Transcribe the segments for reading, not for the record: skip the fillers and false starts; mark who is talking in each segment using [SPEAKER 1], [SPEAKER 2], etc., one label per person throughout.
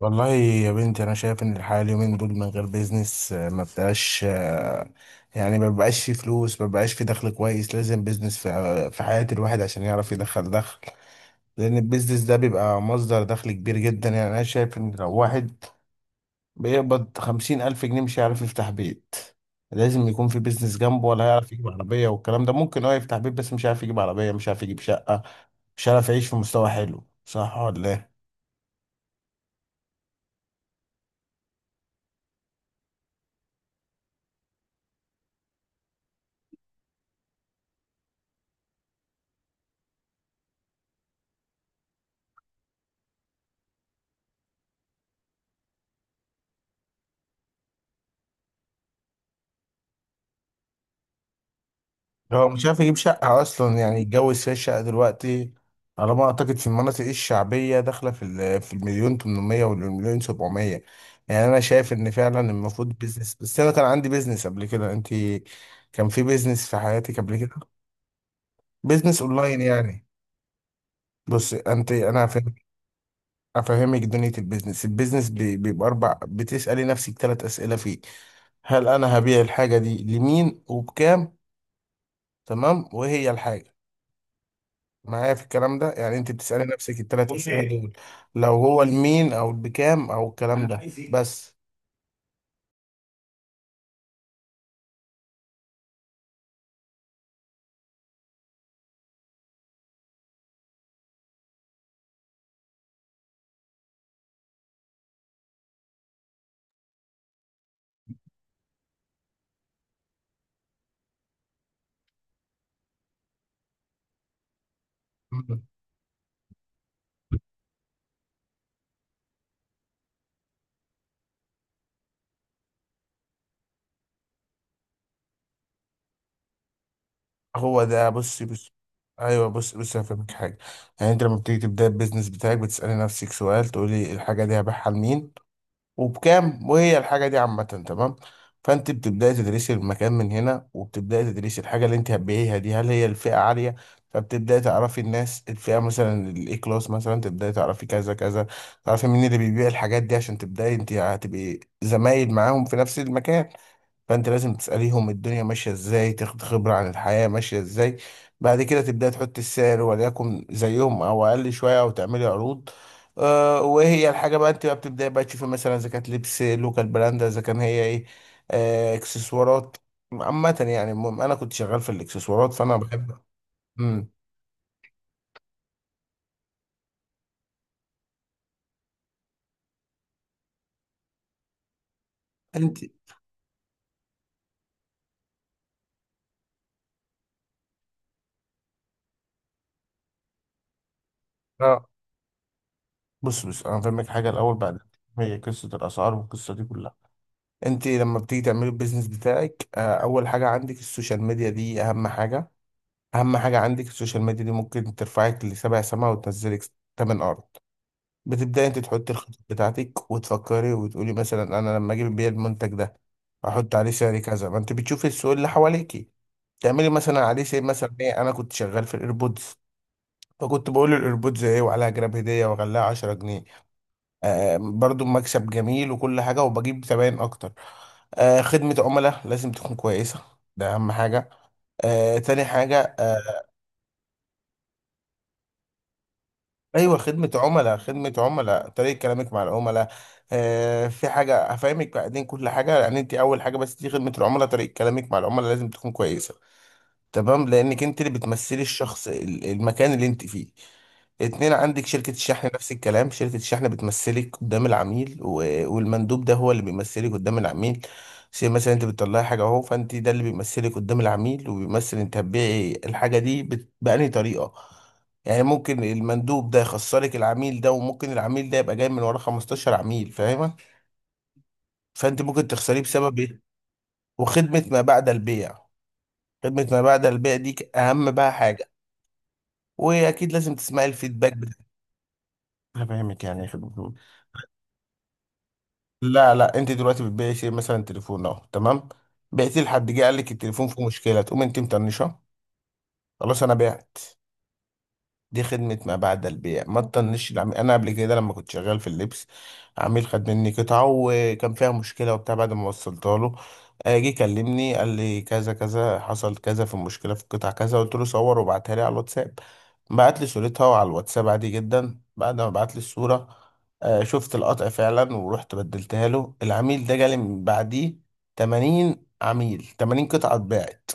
[SPEAKER 1] والله يا بنتي، انا شايف ان الحياه اليومين دول من غير بيزنس ما بتبقاش يعني ما بيبقاش في فلوس، ما بيبقاش في دخل كويس. لازم بيزنس في حياه الواحد عشان يعرف يدخل دخل، لان البيزنس ده بيبقى مصدر دخل كبير جدا. يعني انا شايف ان لو واحد بيقبض 50,000 جنيه مش هيعرف يفتح بيت. لازم يكون في بيزنس جنبه، ولا هيعرف يجيب عربيه والكلام ده. ممكن هو يفتح بيت بس مش هيعرف يجيب عربيه، مش هيعرف يجيب شقه، مش هيعرف يعيش في مستوى حلو. صح ولا إيه؟ هو مش عارف يجيب شقة أصلا يعني يتجوز فيها. شقة دلوقتي على ما أعتقد في المناطق الشعبية داخلة في المليون 800 والمليون 700. يعني أنا شايف إن فعلا المفروض بيزنس. بس أنا كان عندي بيزنس قبل كده. أنت كان في بيزنس في حياتك قبل كده؟ بيزنس أونلاين يعني. بص أنت، هفهمك دنيا البيزنس. البيزنس بيبقى أربع. بتسألي نفسك ثلاث أسئلة فيه: هل أنا هبيع الحاجة دي لمين وبكام؟ تمام، وهي الحاجة. معايا في الكلام ده؟ يعني انت بتسألي نفسك الثلاث. بص، اسئله ايه دول؟ لو هو المين او بكام او الكلام، انا ده عايز ايه بس. مم. هو ده. بص. ايوه، بص بص هفهمك حاجه. يعني انت لما بتيجي تبدا البيزنس بتاعك، بتسألي نفسك سؤال، تقولي الحاجه دي هبيعها لمين وبكام وهي الحاجة دي عامة. تمام. فانت بتبدأي تدرسي المكان من هنا، وبتبدأي تدرسي الحاجة اللي انت هتبيعيها دي هل هي الفئة عالية. فبتبدأي تعرفي الناس، الفئة مثلا الاي كلاس، مثلا تبدأي تعرفي كذا كذا، تعرفي مين اللي بيبيع الحاجات دي عشان تبدأي انت هتبقي زمايل معاهم في نفس المكان. فانت لازم تسأليهم الدنيا ماشية ازاي، تاخد خبرة عن الحياة ماشية ازاي. بعد كده تبدأ تحط السعر، وليكن زيهم او اقل شوية او تعملي عروض. وهي الحاجة بقى. انت بقى بتبدأي بقى تشوفي مثلا اذا كانت لبس، لوكال براند، اذا كان هي ايه، اكسسوارات عامة. يعني المهم انا كنت شغال في الاكسسوارات فانا بحب. امم انت. اه بص بص انا فاهمك حاجه الاول بعد. هي قصه الاسعار والقصه دي كلها. انت لما بتيجي تعملي البيزنس بتاعك اول حاجه عندك السوشيال ميديا دي اهم حاجه. اهم حاجه عندك السوشيال ميديا دي، ممكن ترفعك لسبع سما وتنزلك تمن ارض. بتبداي انت تحطي الخطط بتاعتك وتفكري وتقولي: مثلا انا لما اجيب بيع المنتج ده احط عليه سعر كذا. ما انت بتشوفي السوق اللي حواليكي، تعملي مثلا عليه سي، مثلا ايه. انا كنت شغال في الايربودز، فكنت بقول الايربودز ايه وعليها جراب هديه وغلاها 10 جنيه. برضو مكسب جميل وكل حاجه وبجيب زباين اكتر. خدمه عملاء لازم تكون كويسه. ده اهم حاجه. آه تاني حاجه آه، ايوه، خدمه عملاء، خدمه عملاء، طريقه كلامك مع العملاء. في حاجه هفهمك بعدين كل حاجه. يعني انت اول حاجه، بس دي خدمه العملاء، طريقه كلامك مع العملاء لازم تكون كويسه. تمام، لانك انت اللي بتمثلي المكان اللي انت فيه. اتنين: عندك شركة الشحن، نفس الكلام، شركة الشحن بتمثلك قدام العميل، و- والمندوب ده هو اللي بيمثلك قدام العميل. زي مثلا انت بتطلعي حاجة اهو، فانت ده اللي بيمثلك قدام العميل، وبيمثل انت هتبيعي الحاجة دي بأنهي طريقة. يعني ممكن المندوب ده يخسرك العميل ده، وممكن العميل ده يبقى جاي من ورا 15 عميل، فاهمة؟ فانت ممكن تخسريه بسبب ايه. وخدمة ما بعد البيع، خدمة ما بعد البيع دي أهم بقى حاجة. واكيد لازم تسمعي الفيدباك بتاع. انا فاهمك يعني يا أخي دكتور. لا لا، انت دلوقتي بتبيعي شيء مثلا تليفون اهو، تمام. بعتي، لحد جه قال لك التليفون فيه مشكله، تقوم انت مطنشه. خلاص، انا بعت. دي خدمة ما بعد البيع، ما تطنش العميل. أنا قبل كده لما كنت شغال في اللبس، عميل خد مني قطعة وكان فيها مشكلة وبتاع، بعد ما وصلتها له جه كلمني قال لي كذا كذا، حصل كذا في المشكلة في القطعة كذا. قلت له صور وبعتها لي على الواتساب. بعت لي صورتها على الواتساب عادي جدا. بعد ما بعت لي الصورة شفت القطع فعلا ورحت بدلتها له. العميل ده جالي من بعديه 80 عميل، 80 قطعة اتباعت.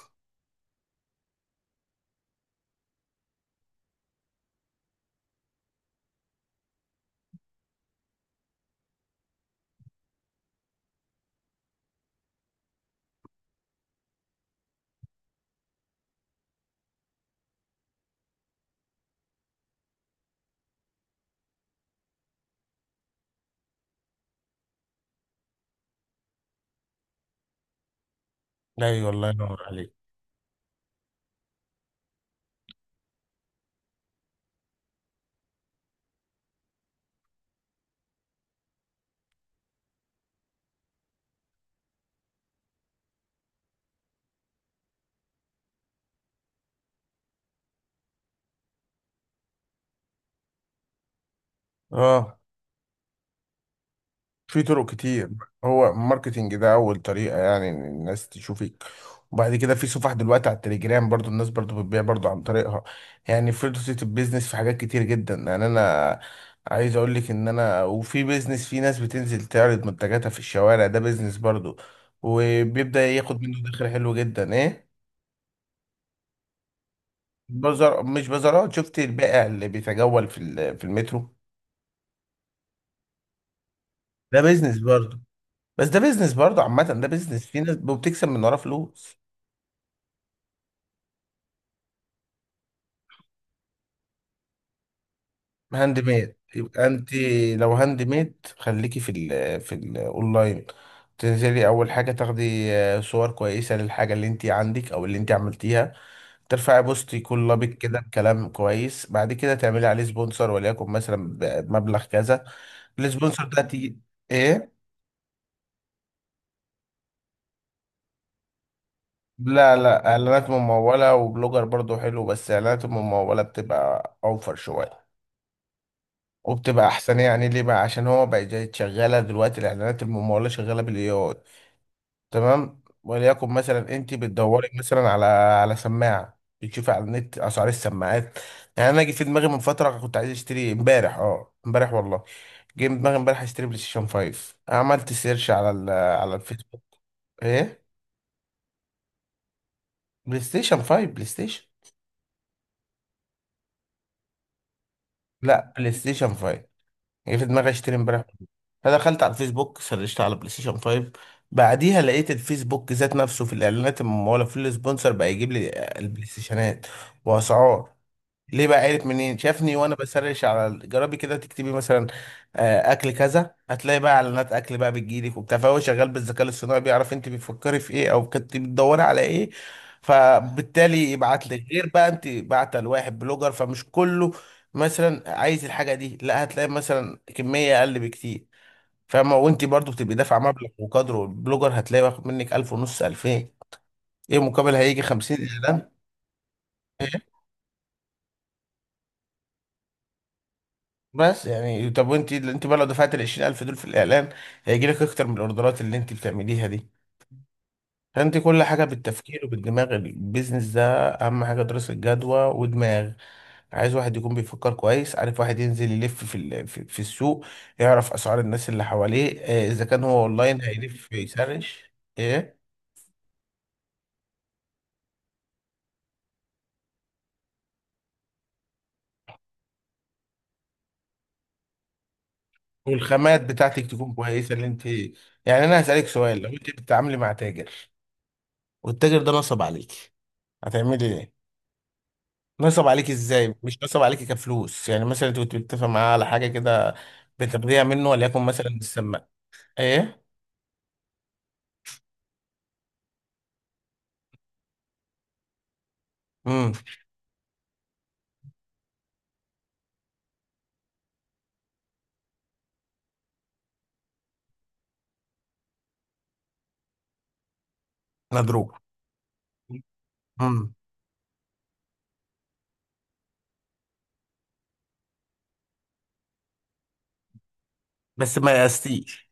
[SPEAKER 1] اي والله ينور عليك. اه، في طرق كتير. هو الماركتينج ده اول طريقه، يعني إن الناس تشوفك. وبعد كده في صفح دلوقتي على التليجرام، برضو الناس برضو بتبيع برضو عن طريقها. يعني فرصة البيزنس في حاجات كتير جدا. يعني انا عايز اقول لك ان انا، وفي بيزنس في ناس بتنزل تعرض منتجاتها في الشوارع، ده بيزنس برضو، وبيبدأ ياخد منه دخل حلو جدا. ايه، بزر مش بازارات. شفت البائع اللي بيتجول في المترو؟ ده بيزنس برضو. بس ده بيزنس برضو عامة. ده بيزنس، في ناس وبتكسب من وراه فلوس. هاند ميد، يبقى انت، لو هاند ميد، خليكي في الاونلاين. تنزلي اول حاجه تاخدي صور كويسه للحاجه اللي انت عندك او اللي انت عملتيها. ترفعي بوست يكون لابق كده بكلام كويس. بعد كده تعملي عليه سبونسر وليكن مثلا بمبلغ كذا. السبونسر ده تيجي ايه؟ لا لا، اعلانات ممولة وبلوجر برضو حلو، بس اعلانات الممولة بتبقى اوفر شوية وبتبقى احسن. يعني ليه بقى؟ عشان هو بقى جاي شغالة دلوقتي الاعلانات الممولة شغالة بالاي اي، تمام. وليكن مثلا انت بتدوري مثلا على سماعه، بتشوفي على النت اسعار السماعات. يعني انا جه في دماغي من فتره كنت عايز اشتري امبارح، امبارح والله، جه في دماغي امبارح اشتري بلاي ستيشن 5. عملت سيرش على الفيسبوك. ايه؟ بلاي ستيشن 5. بلاي ستيشن. لا، بلاي ستيشن 5. جه في دماغي اشتري امبارح. فدخلت على الفيسبوك، سرشت على بلاي ستيشن 5. بعديها لقيت الفيسبوك ذات نفسه في الاعلانات المموله في السبونسر بقى يجيب لي البلاي ستيشنات واسعار. ليه بقى، عرف منين؟ شافني وانا بسرش على جربي كده تكتبي مثلا اكل كذا، هتلاقي بقى اعلانات اكل بقى بتجيلك وبتاع. فهو شغال بالذكاء الصناعي، بيعرف انت بتفكري في ايه او كنت بتدوري على ايه. فبالتالي يبعت لك، غير بقى انت بعته لواحد بلوجر، فمش كله مثلا عايز الحاجه دي، لا هتلاقي مثلا كميه اقل بكتير، فاهمه؟ وانت برضو بتبقي دافعه مبلغ وقدره، البلوجر هتلاقي واخد منك 1000 ونص، 2000. ايه مقابل؟ هيجي 50 اعلان. بس يعني طب، وانت بقى لو دفعت ال 20,000 دول في الاعلان، هيجي لك اكتر من الاوردرات اللي انت بتعمليها دي. فانت كل حاجه بالتفكير وبالدماغ، البيزنس ده اهم حاجه دراسه جدوى ودماغ. عايز واحد يكون بيفكر كويس، عارف، واحد ينزل يلف في ال- في في السوق، يعرف اسعار الناس اللي حواليه. اذا كان هو اونلاين هيلف يسرش. ايه، والخامات بتاعتك تكون كويسه اللي انت. يعني انا هسالك سؤال: لو انت بتتعاملي مع تاجر والتاجر ده نصب عليك، هتعملي إيه؟ نصب عليك ازاي؟ مش نصب عليك كفلوس يعني. مثلا انت كنت بتتفق معاه على حاجه كده بترضيها منه، وليكن مثلا السماء. ايه؟ امم مضروب. امم بس ما يأستيش.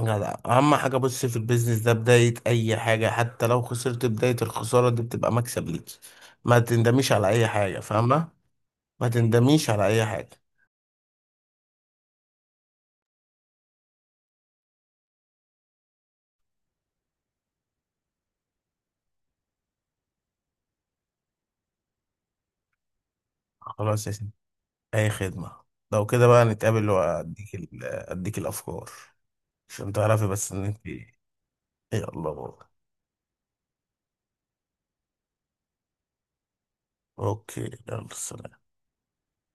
[SPEAKER 1] جدع. اهم حاجه، بص، في البيزنس ده، بدايه اي حاجه حتى لو خسرت، بدايه الخساره دي بتبقى مكسب ليك. ما تندميش على اي حاجه، فاهمه؟ ما تندميش على اي حاجه. خلاص يا سيدي، اي خدمه. لو كده بقى نتقابل، اديك الافكار عشان تعرفي بس ان انت إيه. يلا بابا. اوكي، يلا سلام.